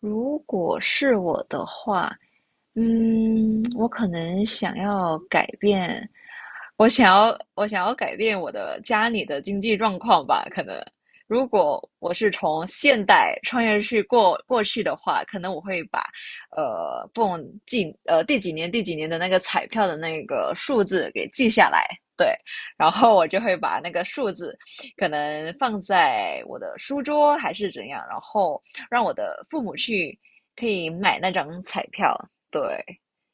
如果是我的话，我可能想要改变，我想要改变我的家里的经济状况吧。可能如果我是从现代穿越去过过去的话，可能我会把呃不懂几呃第几年的那个彩票的那个数字给记下来，对。然后我就会把那个数字可能放在我的书桌还是怎样，然后让我的父母去可以买那张彩票，对，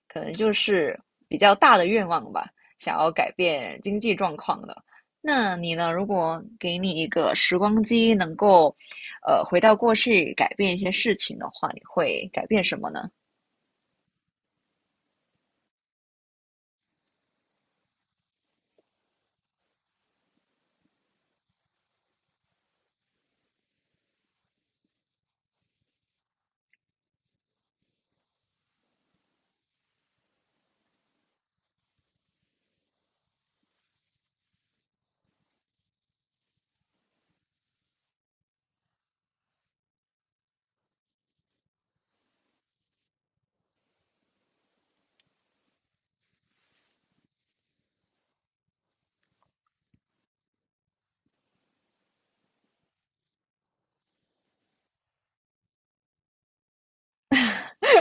可能就是比较大的愿望吧。想要改变经济状况的。那你呢？如果给你一个时光机，能够，回到过去改变一些事情的话，你会改变什么呢？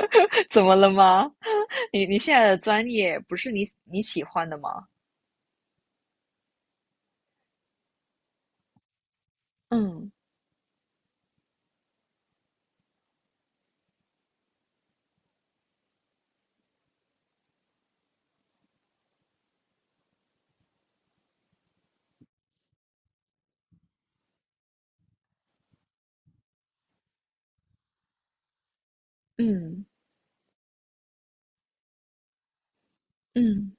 怎么了吗？你现在的专业不是你喜欢的吗？嗯嗯嗯。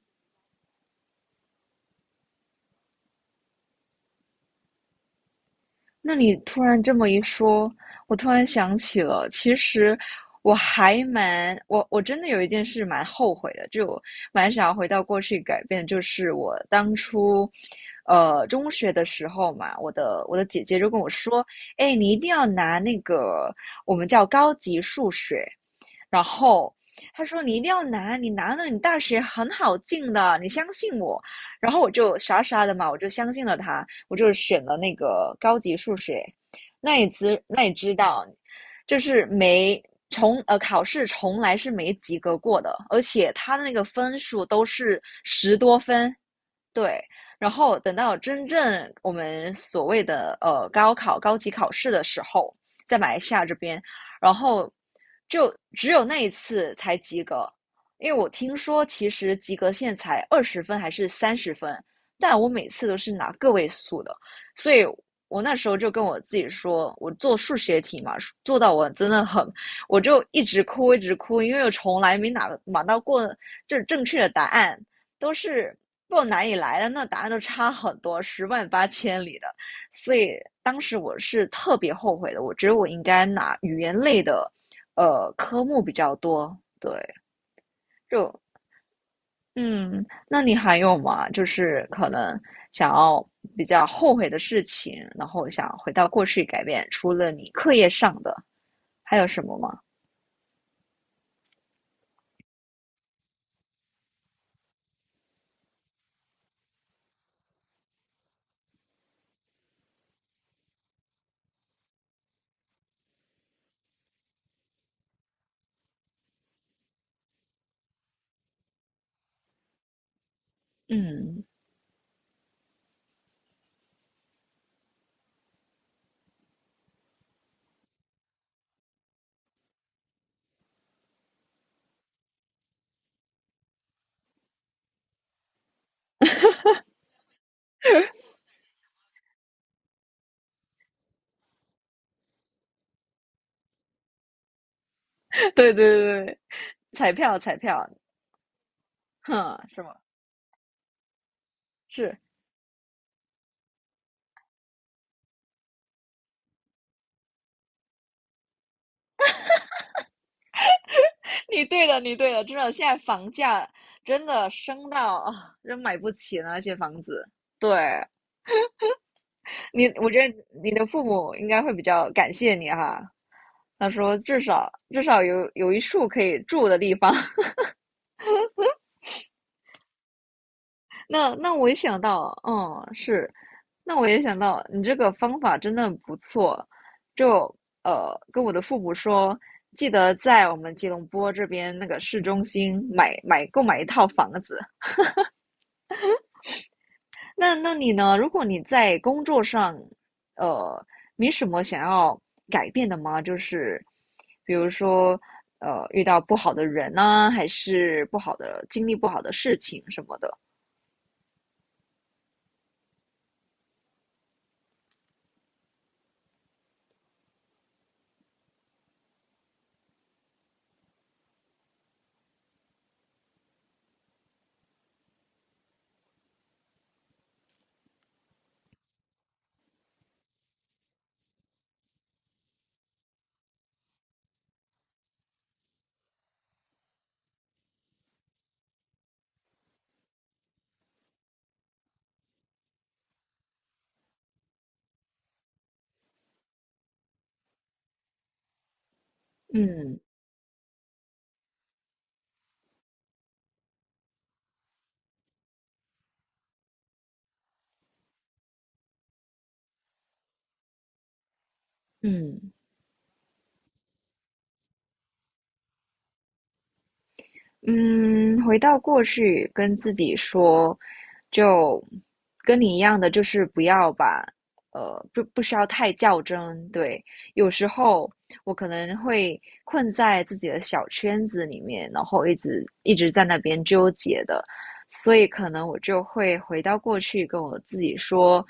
那你突然这么一说，我突然想起了，其实我还蛮我我真的有一件事蛮后悔的，就我蛮想要回到过去改变。就是我当初，中学的时候嘛，我的姐姐就跟我说，哎，你一定要拿那个我们叫高级数学。然后他说你一定要拿，你拿了你大学很好进的，你相信我。然后我就傻傻的嘛，我就相信了他，我就选了那个高级数学。那也知道，就是没从考试从来是没及格过的，而且他的那个分数都是十多分，对。然后等到真正我们所谓的高考、高级考试的时候，在马来西亚这边，然后就只有那一次才及格。因为我听说其实及格线才二十分还是三十分，但我每次都是拿个位数的。所以我那时候就跟我自己说，我做数学题嘛，做到我真的很，我就一直哭一直哭，因为我从来没拿到过就是正确的答案，都是不知道哪里来的，那答案都差很多，十万八千里的。所以当时我是特别后悔的，我觉得我应该拿语言类的科目比较多。对，就嗯，那你还有吗？就是可能想要比较后悔的事情，然后想回到过去改变，除了你课业上的，还有什么吗？嗯，对对对，对，彩票彩票，哼，是吗？是。你对了，你对了，真的，现在房价真的升到啊，真买不起那些房子。对。我觉得你的父母应该会比较感谢你哈。他说至少至少有一处可以住的地方。那我也想到，那我也想到你这个方法真的不错。就跟我的父母说，记得在我们吉隆坡这边那个市中心购买一套房子。那你呢？如果你在工作上，呃，没什么想要改变的吗？就是比如说，遇到不好的人呢、还是不好的经历、不好的事情什么的。嗯嗯嗯，回到过去，跟自己说，就跟你一样的。就是不要把，不需要太较真。对。有时候我可能会困在自己的小圈子里面，然后一直一直在那边纠结的。所以可能我就会回到过去，跟我自己说，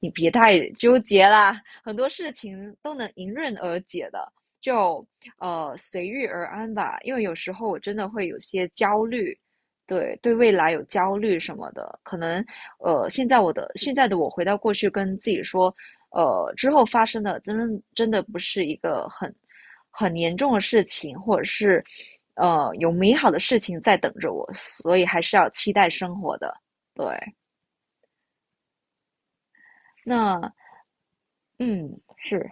你别太纠结啦，很多事情都能迎刃而解的。就随遇而安吧，因为有时候我真的会有些焦虑，对，对未来有焦虑什么的。可能现在现在的我回到过去跟自己说，之后发生的真的不是一个很严重的事情，或者是有美好的事情在等着我，所以还是要期待生活的，对。那嗯是。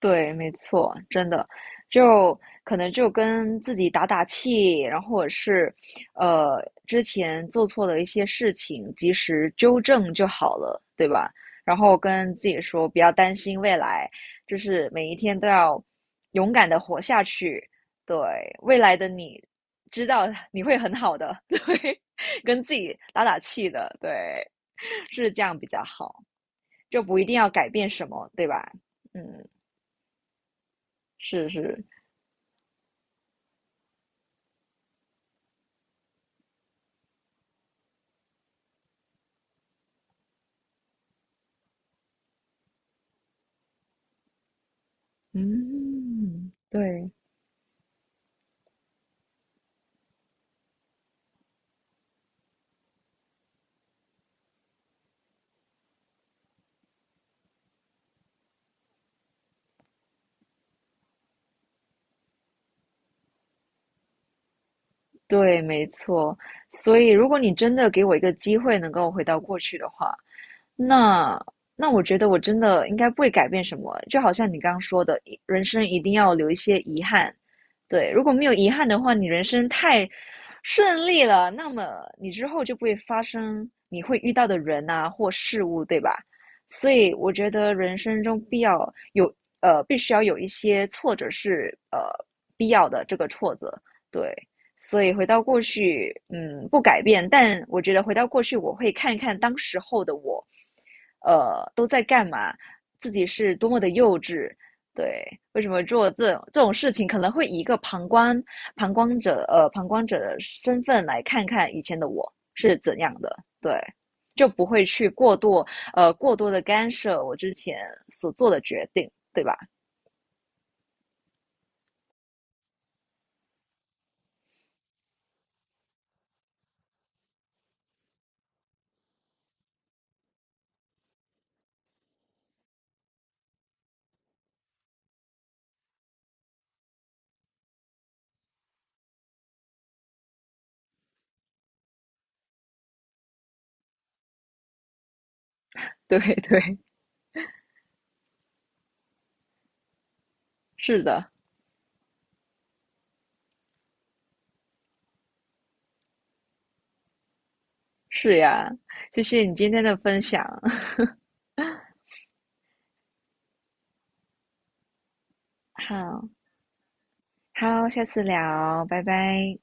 对，没错，真的，就可能就跟自己打打气，然后或者是，之前做错的一些事情，及时纠正就好了，对吧？然后跟自己说，不要担心未来，就是每一天都要勇敢的活下去。对，未来的你，知道你会很好的，对，跟自己打打气的，对，是这样比较好，就不一定要改变什么，对吧？嗯，是是。嗯，对对，没错。所以，如果你真的给我一个机会能够回到过去的话，那那我觉得我真的应该不会改变什么，就好像你刚刚说的，人生一定要留一些遗憾。对，如果没有遗憾的话，你人生太顺利了，那么你之后就不会发生你会遇到的人啊或事物，对吧？所以我觉得人生中必要有必须要有一些挫折，是必要的这个挫折。对。所以回到过去，不改变。但我觉得回到过去，我会看看当时候的我，都在干嘛，自己是多么的幼稚，对。为什么做这种事情，可能会以一个旁观者的身份来看看以前的我是怎样的，对。就不会去过多的干涉我之前所做的决定，对吧？对对，是的，是呀，谢谢你今天的分享。好。好，下次聊，拜拜。